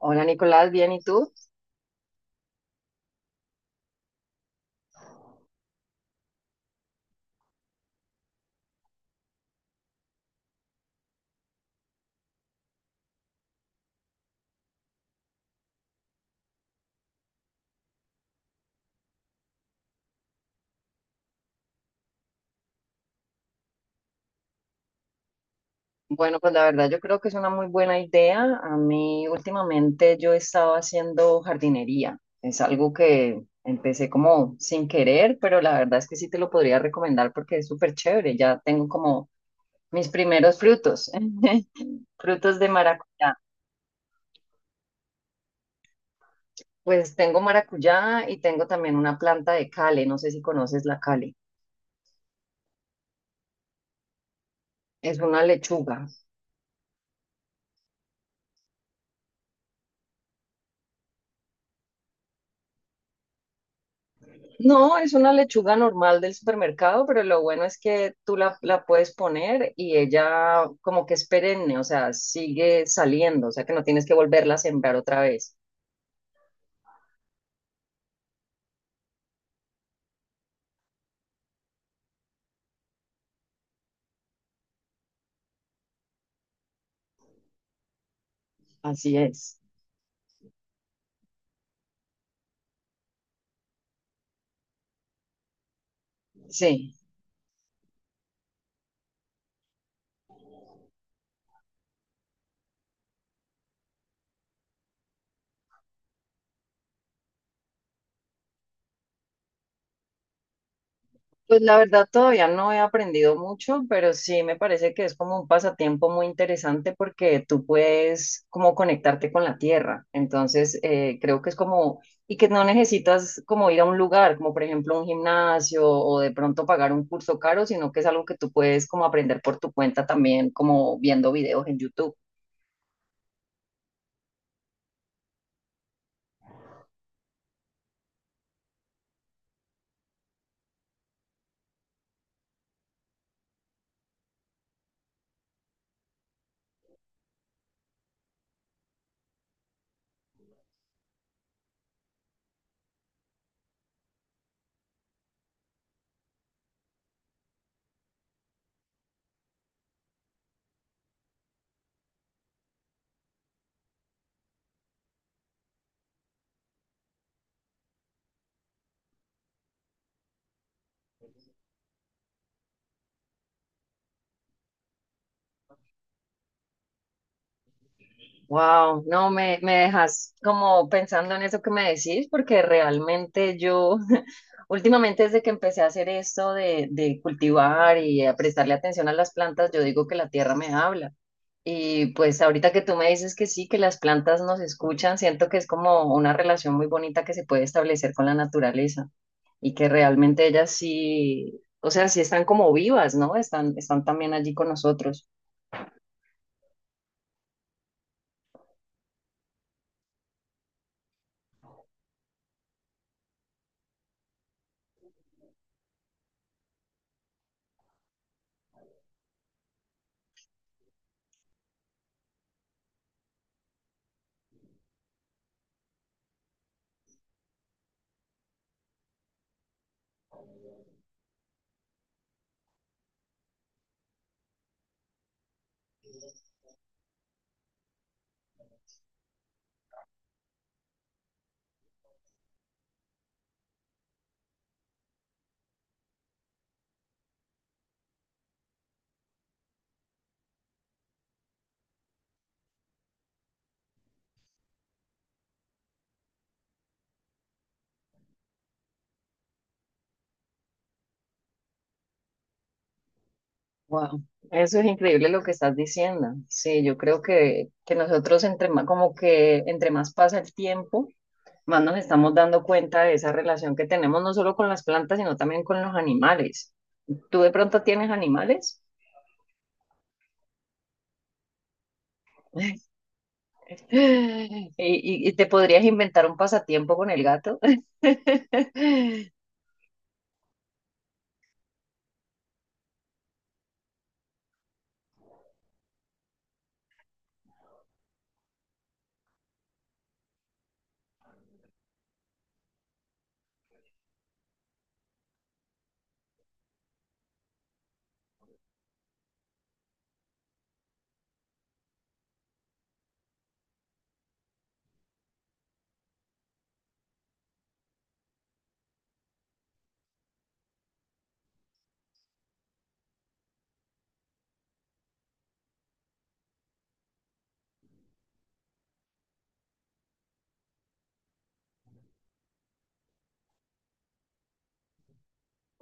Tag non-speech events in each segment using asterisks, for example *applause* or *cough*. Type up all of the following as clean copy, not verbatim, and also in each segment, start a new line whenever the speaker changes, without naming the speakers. Hola Nicolás, bien, ¿y tú? Bueno, pues la verdad yo creo que es una muy buena idea. A mí últimamente yo he estado haciendo jardinería. Es algo que empecé como sin querer, pero la verdad es que sí te lo podría recomendar porque es súper chévere. Ya tengo como mis primeros frutos, *laughs* frutos de maracuyá. Pues tengo maracuyá y tengo también una planta de cale. No sé si conoces la cale. Es una lechuga. No, es una lechuga normal del supermercado, pero lo bueno es que tú la puedes poner y ella como que es perenne, o sea, sigue saliendo, o sea que no tienes que volverla a sembrar otra vez. Así es. Sí. Pues la verdad todavía no he aprendido mucho, pero sí me parece que es como un pasatiempo muy interesante porque tú puedes como conectarte con la tierra. Entonces creo que es como, y que no necesitas como ir a un lugar, como por ejemplo un gimnasio o de pronto pagar un curso caro, sino que es algo que tú puedes como aprender por tu cuenta también, como viendo videos en YouTube. Wow, no me dejas como pensando en eso que me decís, porque realmente yo *laughs* últimamente desde que empecé a hacer esto de cultivar y a prestarle atención a las plantas, yo digo que la tierra me habla. Y pues ahorita que tú me dices que sí, que las plantas nos escuchan, siento que es como una relación muy bonita que se puede establecer con la naturaleza y que realmente ellas sí, o sea, sí están como vivas, ¿no? Están, están también allí con nosotros. Wow, eso es increíble lo que estás diciendo. Sí, yo creo que nosotros entre más, como que entre más pasa el tiempo, más nos estamos dando cuenta de esa relación que tenemos no solo con las plantas, sino también con los animales. ¿Tú de pronto tienes animales? *laughs* ¿Y, y te podrías inventar un pasatiempo con el gato? *laughs*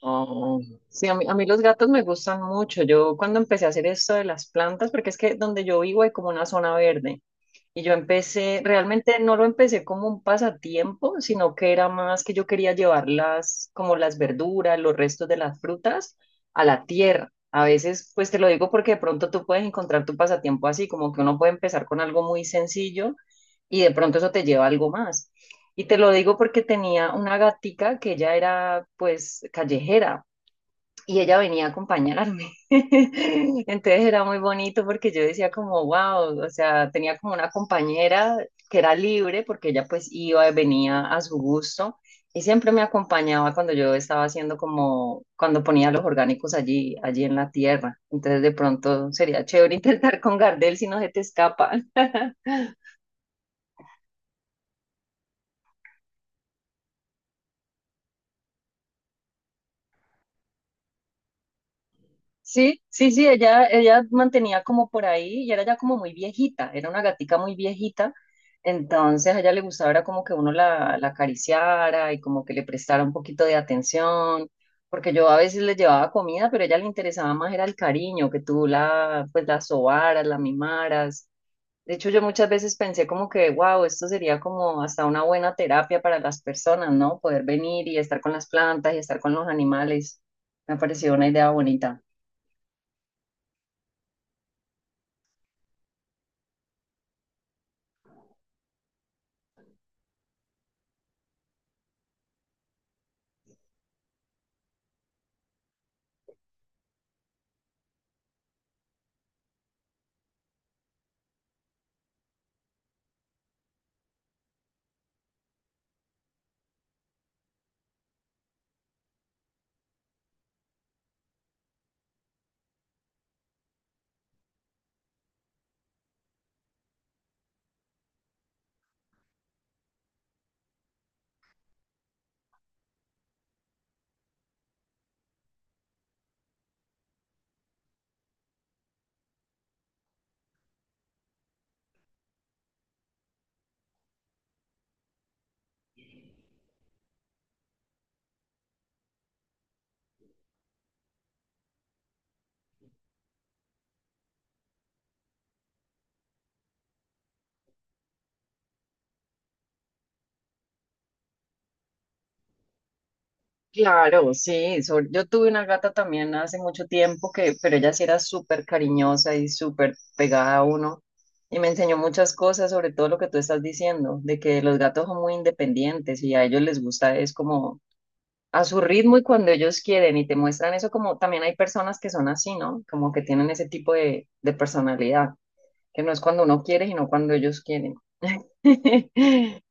Oh, sí, a mí los gatos me gustan mucho. Yo cuando empecé a hacer esto de las plantas, porque es que donde yo vivo hay como una zona verde. Y yo empecé, realmente no lo empecé como un pasatiempo, sino que era más que yo quería llevar las, como las verduras, los restos de las frutas a la tierra. A veces, pues te lo digo porque de pronto tú puedes encontrar tu pasatiempo así, como que uno puede empezar con algo muy sencillo y de pronto eso te lleva a algo más. Y te lo digo porque tenía una gatica que ella era pues callejera, y ella venía a acompañarme. *laughs* Entonces era muy bonito porque yo decía como, wow, o sea, tenía como una compañera que era libre porque ella pues iba y venía a su gusto y siempre me acompañaba cuando yo estaba haciendo como, cuando ponía los orgánicos allí en la tierra. Entonces de pronto sería chévere *laughs* intentar con Gardel si no se te escapa. Sí, sí, sí, ella mantenía como por ahí y era ya como muy viejita, era una gatica muy viejita, entonces a ella le gustaba era como que uno la acariciara y como que le prestara un poquito de atención, porque yo a veces le llevaba comida, pero a ella le interesaba más era el cariño, que tú la, pues la sobaras, la mimaras. De hecho, yo muchas veces pensé como que, wow, esto sería como hasta una buena terapia para las personas, ¿no? Poder venir y estar con las plantas y estar con los animales. Me pareció una idea bonita. Claro, sí. Yo tuve una gata también hace mucho tiempo que, pero ella sí era súper cariñosa y súper pegada a uno y me enseñó muchas cosas, sobre todo lo que tú estás diciendo, de que los gatos son muy independientes y a ellos les gusta es como a su ritmo y cuando ellos quieren y te muestran eso como también hay personas que son así, ¿no? Como que tienen ese tipo de personalidad, que no es cuando uno quiere, sino cuando ellos quieren. *laughs*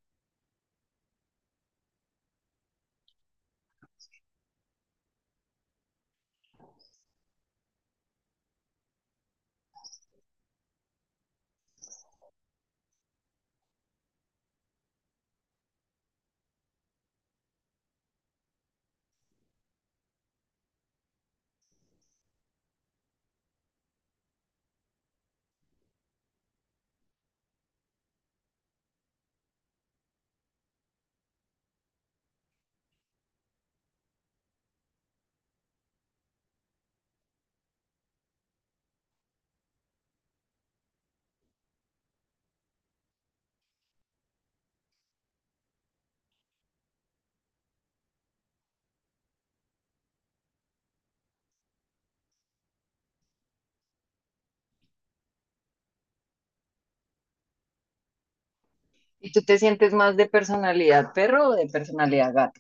¿Y tú te sientes más de personalidad perro o de personalidad gato?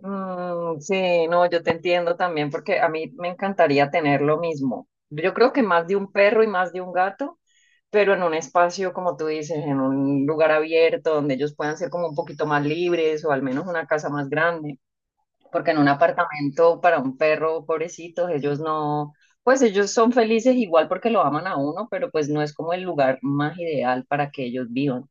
Mm, sí, no, yo te entiendo también porque a mí me encantaría tener lo mismo. Yo creo que más de un perro y más de un gato, pero en un espacio, como tú dices, en un lugar abierto donde ellos puedan ser como un poquito más libres o al menos una casa más grande, porque en un apartamento para un perro, pobrecitos, ellos no, pues ellos son felices igual porque lo aman a uno, pero pues no es como el lugar más ideal para que ellos vivan.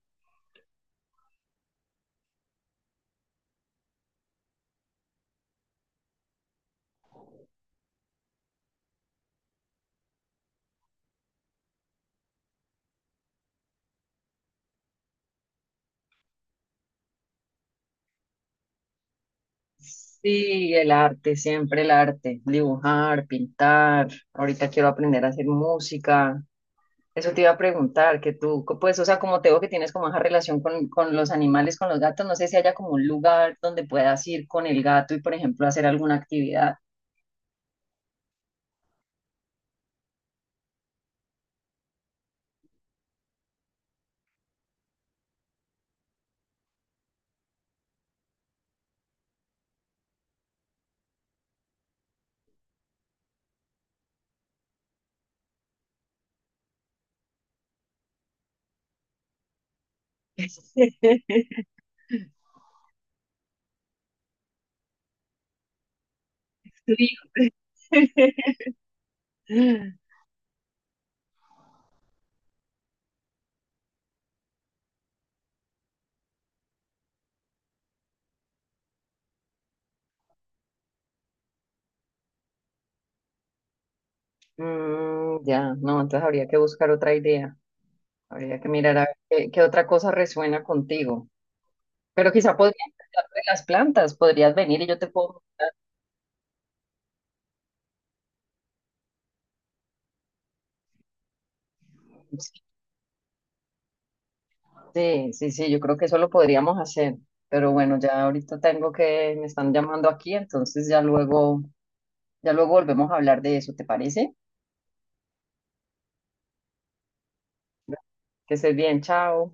Sí, el arte, siempre el arte, dibujar, pintar. Ahorita quiero aprender a hacer música. Eso te iba a preguntar, que tú, pues, o sea, como te veo que tienes como esa relación con los animales, con los gatos, no sé si haya como un lugar donde puedas ir con el gato y, por ejemplo, hacer alguna actividad. *laughs* Sí. *laughs* Mm, ya, no, entonces habría que buscar otra idea. Habría que mirar a ver qué otra cosa resuena contigo. Pero quizá podrías empezar de las plantas, podrías venir y yo te puedo mostrar. Sí, sí, sí, yo creo que eso lo podríamos hacer. Pero bueno, ya ahorita tengo que, me están llamando aquí, entonces ya luego volvemos a hablar de eso, ¿te parece? Bueno, que estés bien, chao.